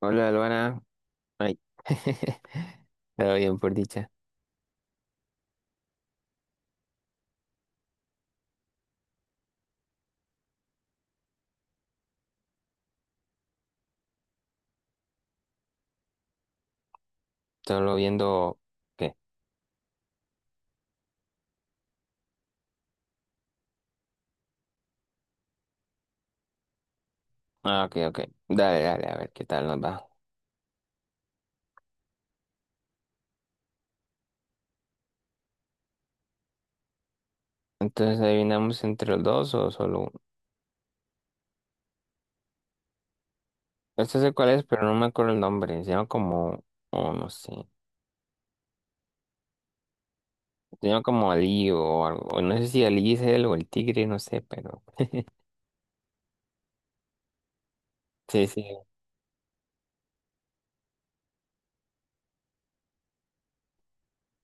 Hola, Luana. Ay. Todo bien, por dicha. Solo viendo. ¿Qué? Ah, ok, ok. Dale, dale, a ver qué tal nos va. Entonces, ¿adivinamos entre los dos o solo uno? Este sé cuál es, pero no me acuerdo el nombre. Se llama como... Oh, no sé. Se llama como Ali o algo, o no sé si Ali es él o el tigre, no sé, pero... Sí, sí.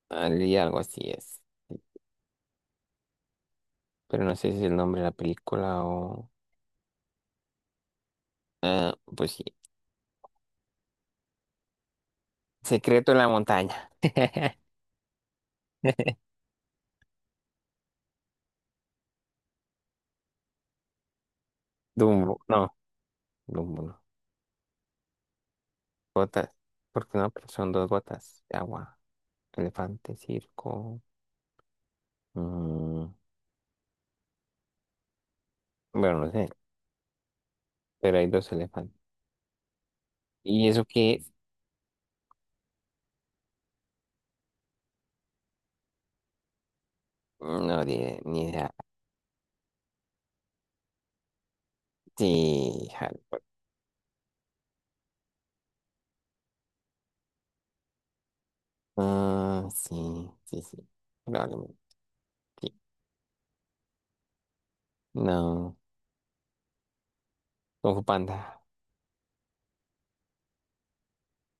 Ali algo así es. Pero no sé si es el nombre de la película o... Ah, pues sí. Secreto en la montaña. Dumbo. No, Dumbo, no. Gotas. Porque no, pero son dos gotas de agua. Elefante, circo. mm, bueno, no sé. Pero hay dos elefantes. ¿Y eso qué es? No, ni idea. Sí, Harry Potter. Ah, sí, sí, sí. Probablemente. Sí. No. Kung Fu Panda.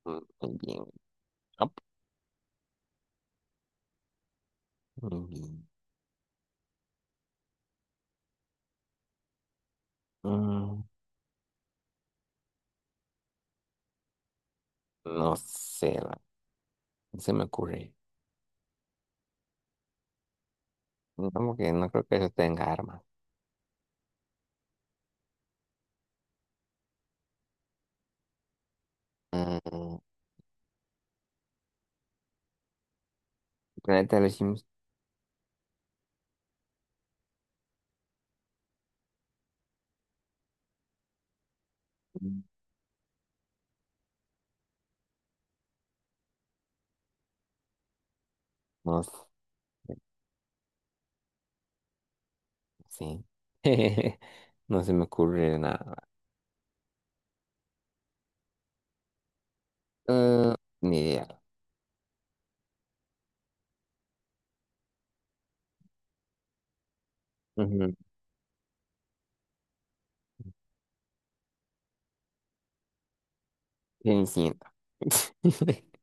Muy bien. Up. Muy bien. Mm, no sé. No se me ocurre. No, porque no creo que eso tenga armas. Mm, Planeta de los Simios. No. Sí. No se me ocurre nada. Ah, ni idea. Ujú. Bien,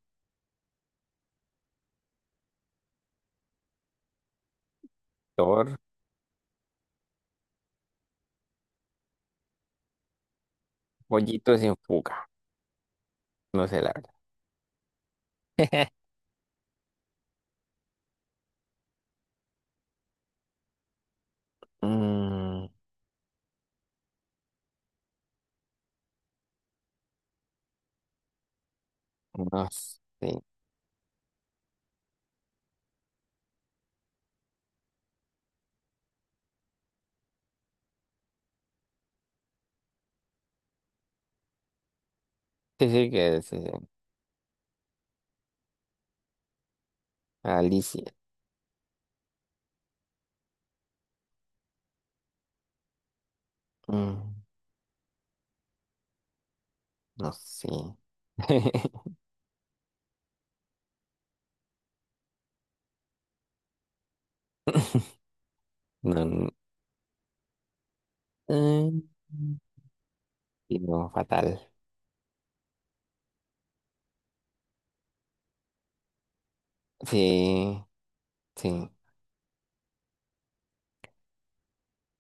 Thor, pollitos en fuga. No sé la verdad. Mm, no sé. Sí, sí que es Alicia. Mm, no sé. No, no. Mm, sí, no, fatal. Sí, sí.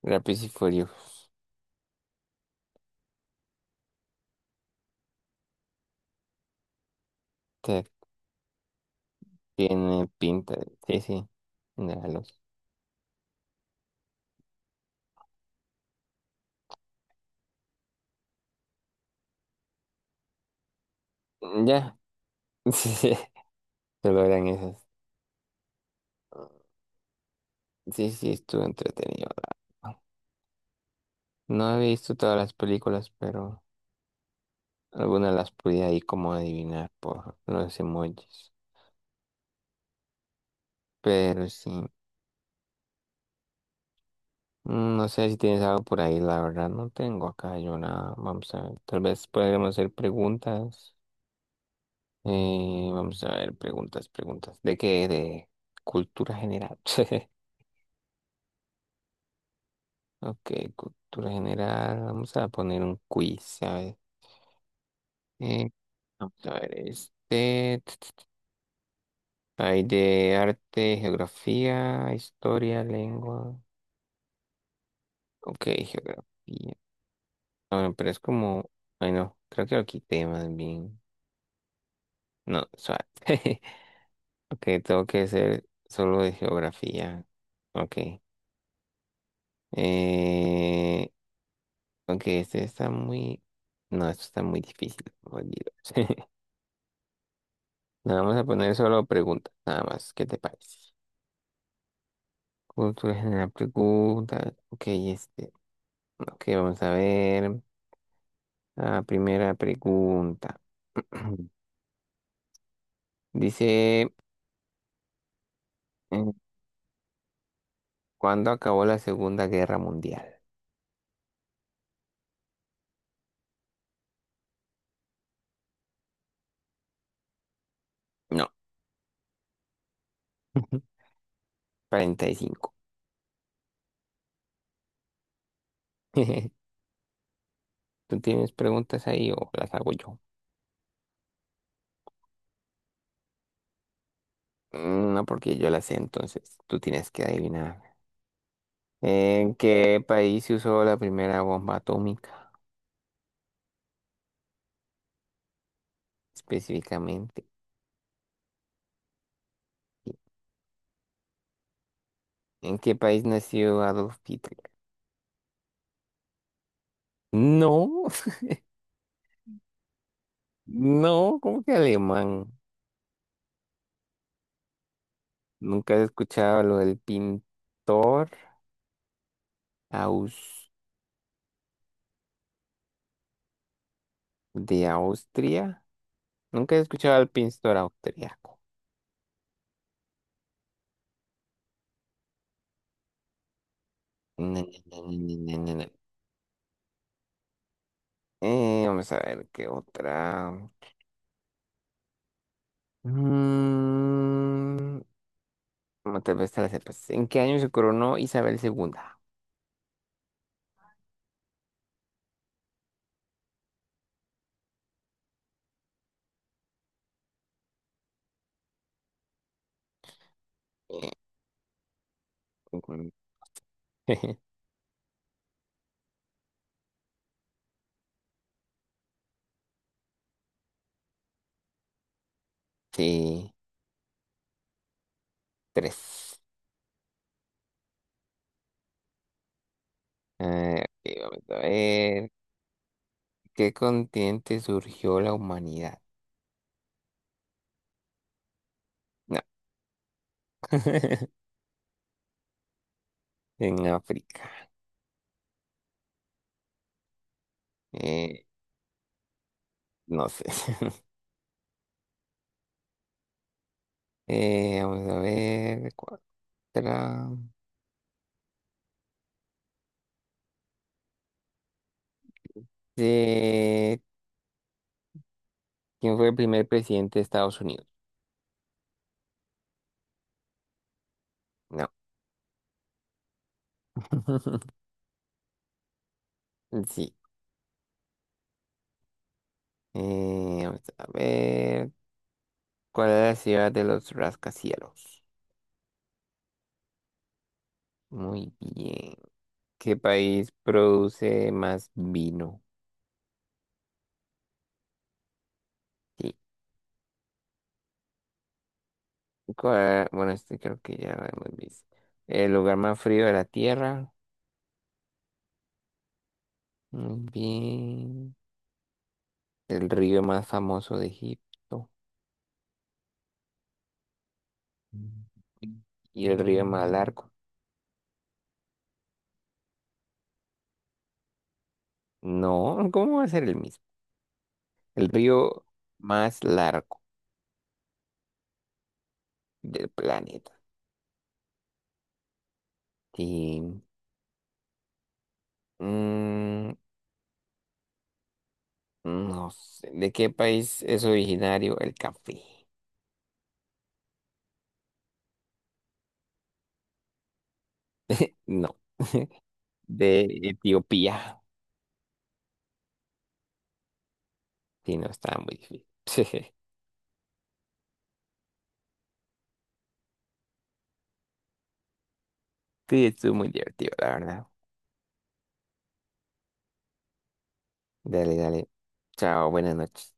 Rápidos y Furiosos. Te Tiene pinta. Sí, sí. De la luz. Ya. Solo eran esas. Sí, sí, estuvo entretenido. No he visto todas las películas, pero algunas las pude ahí como adivinar por los emojis. Pero sí, no sé si tienes algo por ahí, la verdad no tengo acá yo nada. Vamos a ver, tal vez podremos hacer preguntas. Vamos a ver, preguntas, preguntas. ¿De qué? De cultura general. Ok, cultura general. Vamos a poner un quiz, ¿sabes? Eh, Vamos a ver este. Hay de arte, geografía, historia, lengua. Ok, geografía. Ah, bueno, pero es como... Ay, no, creo que lo quité más bien. No, suave. Ok, tengo que hacer solo de geografía. Ok. Eh, ok, este está muy... No, esto está muy difícil. Olvídalo. Le vamos a poner solo preguntas, nada más. ¿Qué te parece? Cultura general, preguntas. Ok, este. Ok, vamos a ver. La primera pregunta. Dice, eh, ¿cuándo acabó la Segunda Guerra Mundial? No, 45. ¿Tú tienes preguntas ahí o las hago yo? No, porque yo las sé, entonces tú tienes que adivinar. ¿En qué país se usó la primera bomba atómica específicamente? ¿En qué país nació Adolf Hitler? No, no, ¿cómo que alemán? ¿Nunca has escuchado lo del pintor? De Austria. Nunca he escuchado al pintor austriaco. Na, na, na, na, na, na, na, na. Vamos a ver qué otra. Mm, no, tal vez te la sepas. ¿En qué año se coronó Isabel II? Eh, Ujú. Sí, tres. Ok, vamos a ver. ¿Qué continente surgió la humanidad? No. En África. Eh, no sé. Vamos a ver. Cuatro. Eh, ¿Quién fue el primer presidente de Estados Unidos? No. Sí. Vamos a ver. ¿Cuál es la ciudad de los rascacielos? Muy bien. ¿Qué país produce más vino? Sí. Bueno, este creo que ya lo hemos visto. El lugar más frío de la Tierra. Muy bien. El río más famoso de Egipto. Mm. ¿Y el río más largo? No, ¿cómo va a ser el mismo? El río más largo del planeta. Y, mm, no sé. ¿De qué país es originario el café? No. De Etiopía. Sí, no estaba muy difícil. Sí, estuvo muy divertido, la verdad. Dale, dale. Chao, buenas noches.